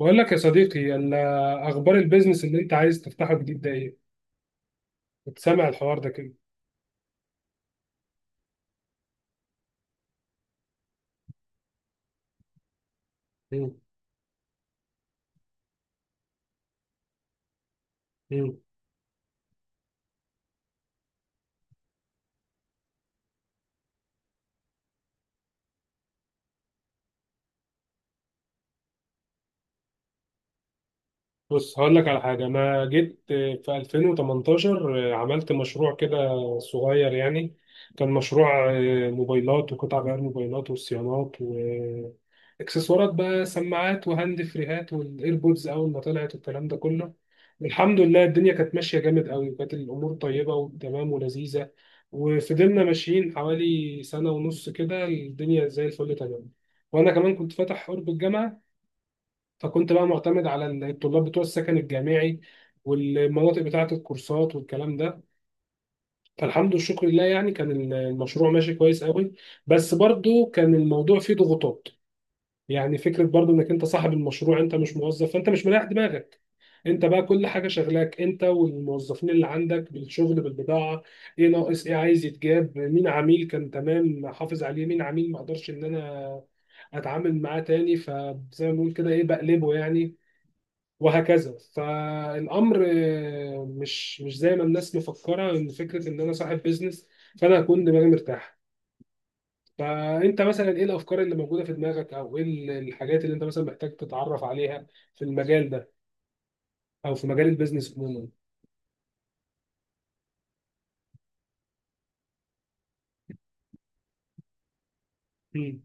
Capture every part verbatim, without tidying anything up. بقول لك يا صديقي ال- اخبار البيزنس اللي انت عايز تفتحه جديد ده ايه؟ كنت سامع الحوار ده كده. مم. مم. بص هقول لك على حاجة، أنا جيت في ألفين وتمنتاشر عملت مشروع كده صغير يعني. كان مشروع آه، موبايلات وقطع غيار موبايلات وصيانات وإكسسوارات، بقى سماعات وهاند فريهات والإيربودز أول ما طلعت الكلام ده كله. الحمد لله الدنيا كانت ماشية جامد قوي، وكانت الأمور طيبة وتمام ولذيذة. وفضلنا ماشيين حوالي سنة ونص كده الدنيا زي الفل تمام. وأنا كمان كنت فاتح قرب الجامعة، فكنت بقى معتمد على الطلاب بتوع السكن الجامعي والمناطق بتاعة الكورسات والكلام ده. فالحمد والشكر لله يعني كان المشروع ماشي كويس قوي. بس برضو كان الموضوع فيه ضغوطات. يعني فكرة برضو انك انت صاحب المشروع، انت مش موظف، فانت مش مريح دماغك. انت بقى كل حاجة شغلاك، انت والموظفين اللي عندك بالشغل بالبضاعة. ايه ناقص، ايه عايز يتجاب، مين عميل كان تمام حافظ عليه، مين عميل ما اقدرش ان انا اتعامل معاه تاني، فزي ما بنقول كده ايه بقلبه يعني. وهكذا فالامر آه، مش مش زي ما الناس مفكره ان فكره ان انا صاحب بيزنس فانا هكون دماغي مرتاحه. فانت مثلا ايه الافكار اللي موجوده في دماغك، او ايه ال- الحاجات اللي انت مثلا محتاج تتعرف عليها في المجال ده، او في مجال البيزنس عموما؟ مم.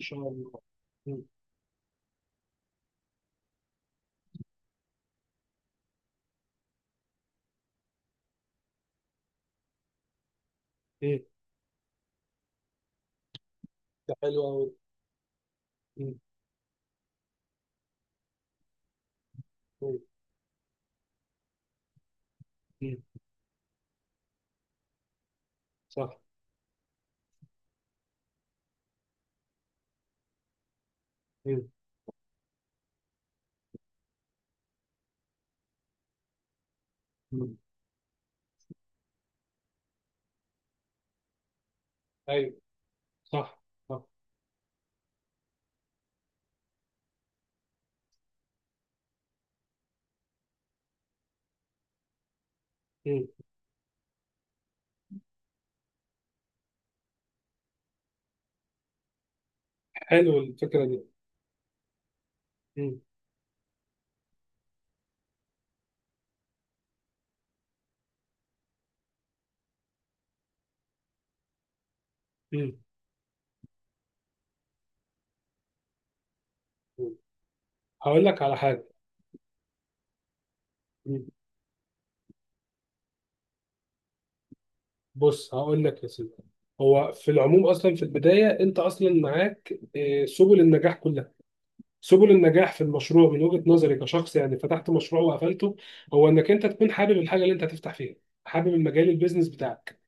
ان شاء الله. مم. ايه، ده حلو قوي. صح. مم. مم. ايوه. صح. صح. مم. حلو الفكره دي. مم. مم. هقول لك على حاجه. بص هقول لك يا سيدي، هو في العموم اصلا في البدايه انت اصلا معاك آه، سبل النجاح كلها. سبل النجاح في المشروع من وجهه نظري كشخص يعني فتحت مشروع وقفلته، هو انك انت تكون حابب الحاجه اللي انت هتفتح فيها، حابب المجال البيزنس بتاعك.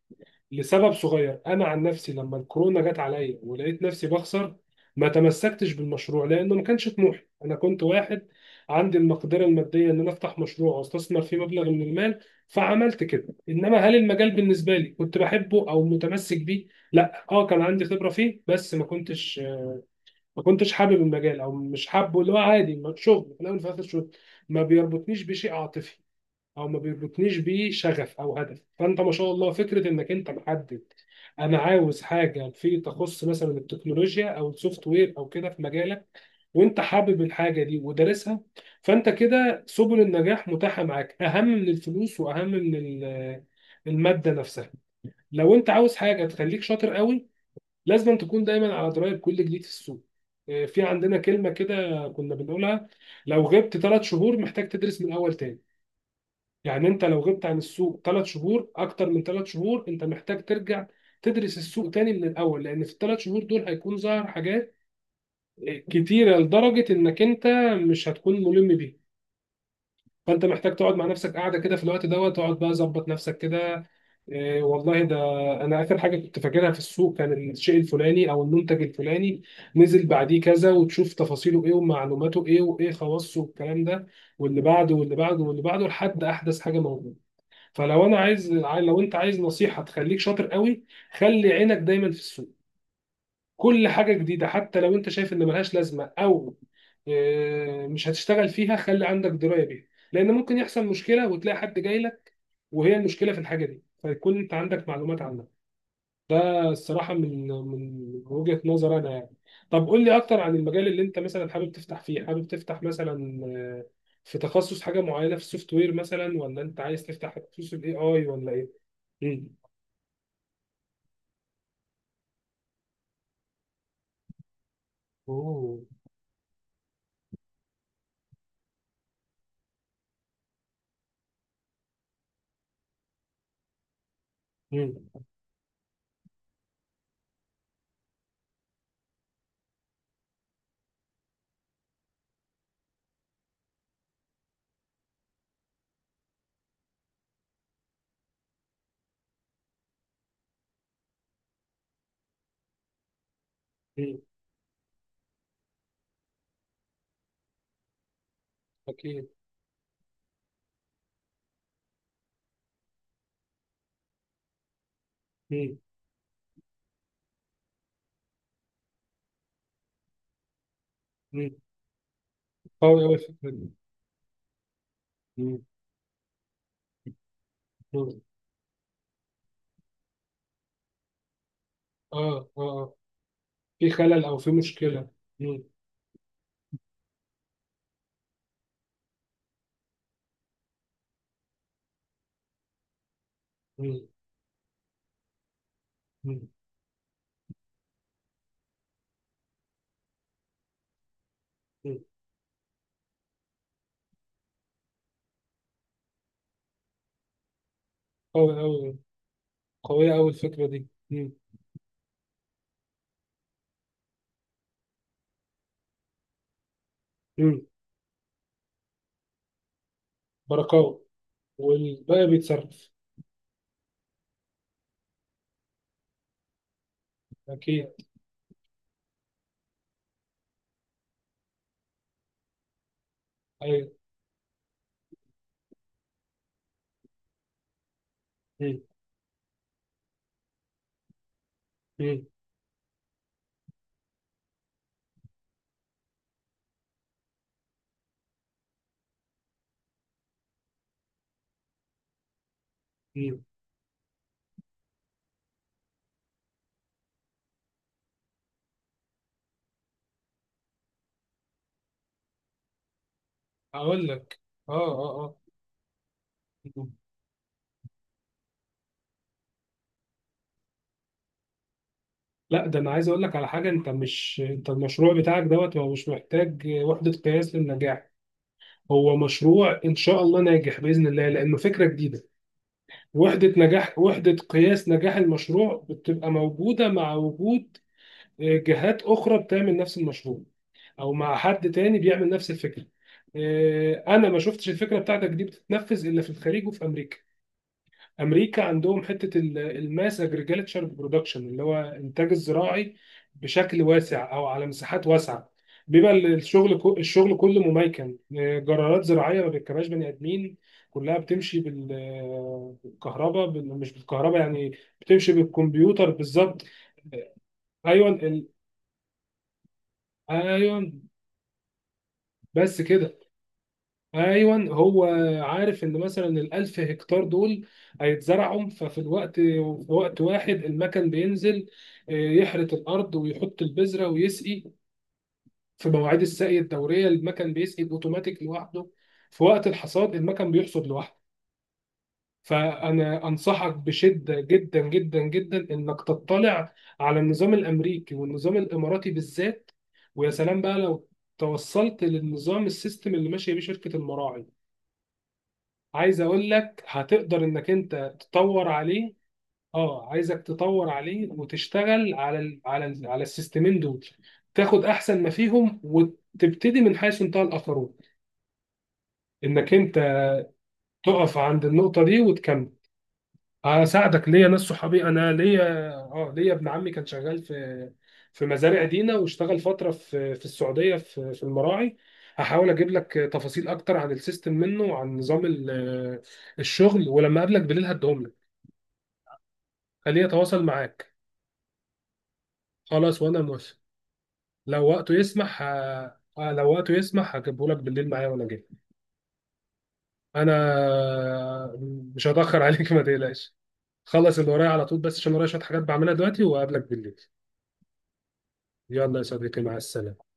لسبب صغير، انا عن نفسي لما الكورونا جت عليا ولقيت نفسي بخسر ما تمسكتش بالمشروع لانه ما كانش طموحي. انا كنت واحد عندي المقدره الماديه ان انا افتح مشروع واستثمر فيه مبلغ من المال، فعملت كده. انما هل المجال بالنسبه لي كنت بحبه او متمسك بيه؟ لا. اه، كان عندي خبره فيه بس ما كنتش ما كنتش حابب المجال او مش حابه، اللي هو عادي، ما- شغل في الاول وفي الاخر شغل، ما بيربطنيش بشيء عاطفي او ما بيربطنيش بيه شغف او هدف. فانت ما شاء الله فكره انك انت محدد، انا عاوز حاجه في تخص مثلا التكنولوجيا او السوفت وير او كده في مجالك، وانت حابب الحاجه دي ودارسها. فانت كده سبل النجاح متاحه معاك، اهم من الفلوس واهم من ال- الماده نفسها. لو انت عاوز حاجه تخليك شاطر قوي، لازم تكون دايما على درايه بكل جديد في السوق. آه، في عندنا كلمه كده كنا بنقولها، لو غبت ثلاث شهور محتاج تدرس من الاول تاني. يعني انت لو غبت عن السوق ثلاث شهور، اكتر من ثلاث شهور، انت محتاج ترجع تدرس السوق تاني من الاول، لان في الثلاث شهور دول هيكون ظهر حاجات كتيره لدرجه انك انت مش هتكون ملم بيها. فانت محتاج تقعد مع نفسك قاعده كده في الوقت دوت تقعد بقى ظبط نفسك كده. إيه والله ده انا اخر حاجه كنت فاكرها في السوق كان الشيء الفلاني او المنتج الفلاني، نزل بعديه كذا وتشوف تفاصيله ايه ومعلوماته ايه وايه خواصه والكلام ده، واللي بعده واللي بعده واللي بعده لحد احدث حاجه موجوده. فلو انا عايز، لو انت عايز نصيحه تخليك شاطر قوي، خلي عينك دايما في السوق. كل حاجه جديده حتى لو انت شايف ان ملهاش لازمه او آه، مش هتشتغل فيها، خلي عندك درايه بيها، لان ممكن يحصل مشكله وتلاقي حد جاي لك وهي المشكله في الحاجه دي، فيكون انت عندك معلومات عنها. ده الصراحه من من وجهه نظر انا يعني. طب قول لي اكتر عن المجال اللي انت مثلا حابب تفتح فيه، حابب تفتح مثلا آه، في تخصص حاجه معينه في السوفت وير مثلا ولا انت عايز تفتح تخصص الاي اي ولا ايه؟ مم. أوه. مم. مم. أكيد. مم. مم. قوي أوي الفكرة دي. مم. مم. آه آه آه. في خلل أو في مشكلة. مم. مم. مم. مم. قوي أوي. قوية أوي الفكرة دي. مم. مم. بركاوي. والباقي بيتصرف. أكيد. أيوه. مم. مم. مم. أقول لك. آه آه آه. مم. لا ده أنا عايز أقول لك على حاجة، أنت مش، أنت المشروع بتاعك دوت هو مش محتاج وحدة قياس للنجاح. هو مشروع ان شاء الله ناجح باذن الله لانه فكره جديده. وحده نجاح، وحده قياس نجاح المشروع بتبقى موجوده مع وجود آه، جهات اخرى بتعمل نفس المشروع او مع حد تاني بيعمل نفس الفكره. آه، انا ما شفتش الفكره بتاعتك دي بتتنفذ الا في الخليج وفي امريكا. امريكا عندهم حته ال- الماس اجريجلتشر برودكشن اللي هو انتاج الزراعي بشكل واسع او على مساحات واسعه. بيبقى ال- الشغل كو- الشغل كله مميكن، آه، جرارات زراعيه ما بيركبهاش بني ادمين. كلها بتمشي بال- بالكهرباء بال- مش بالكهرباء يعني، بتمشي بالكمبيوتر بالظبط. ايوه ال- ايوه بس كده. ايوه هو عارف ان مثلا الالف هكتار دول هيتزرعوا، ففي الوقت في وقت واحد المكن بينزل آه، يحرث الارض ويحط البذره ويسقي. في مواعيد السقي الدوريه المكن بيسقي اوتوماتيك لوحده، في وقت الحصاد المكن بيحصد لوحده. فانا انصحك بشده جدا جدا جدا انك تطلع على النظام الامريكي والنظام الاماراتي بالذات. ويا سلام بقى لو توصلت للنظام، السيستم اللي ماشيه بيه شركه المراعي. عايز اقول لك هتقدر انك انت تطور عليه. اه عايزك تطور عليه وتشتغل على ال على ال على السيستمين دول، تاخد احسن ما فيهم وتبتدي من حيث انتهى الاخرون، انك انت تقف عند النقطة دي وتكمل. هساعدك، ليا ناس صحابي، انا ليا، اه ليا ابن عمي كان شغال في في مزارع دينا واشتغل فترة في في السعودية في في المراعي. هحاول اجيب لك تفاصيل اكتر عن السيستم منه وعن نظام ال- الشغل، ولما اقابلك بالليل هديهم لك. خليه يتواصل معاك. خلاص وانا موافق. لو وقته يسمح ه... لو وقته يسمح هجيبه لك بالليل معايا وانا جاي. انا مش هتاخر عليك ما تقلقش. خلص اللي ورايا على طول، بس عشان ورايا شويه حاجات بعملها دلوقتي وقابلك بالليل. يلا يا صديقي مع السلامه.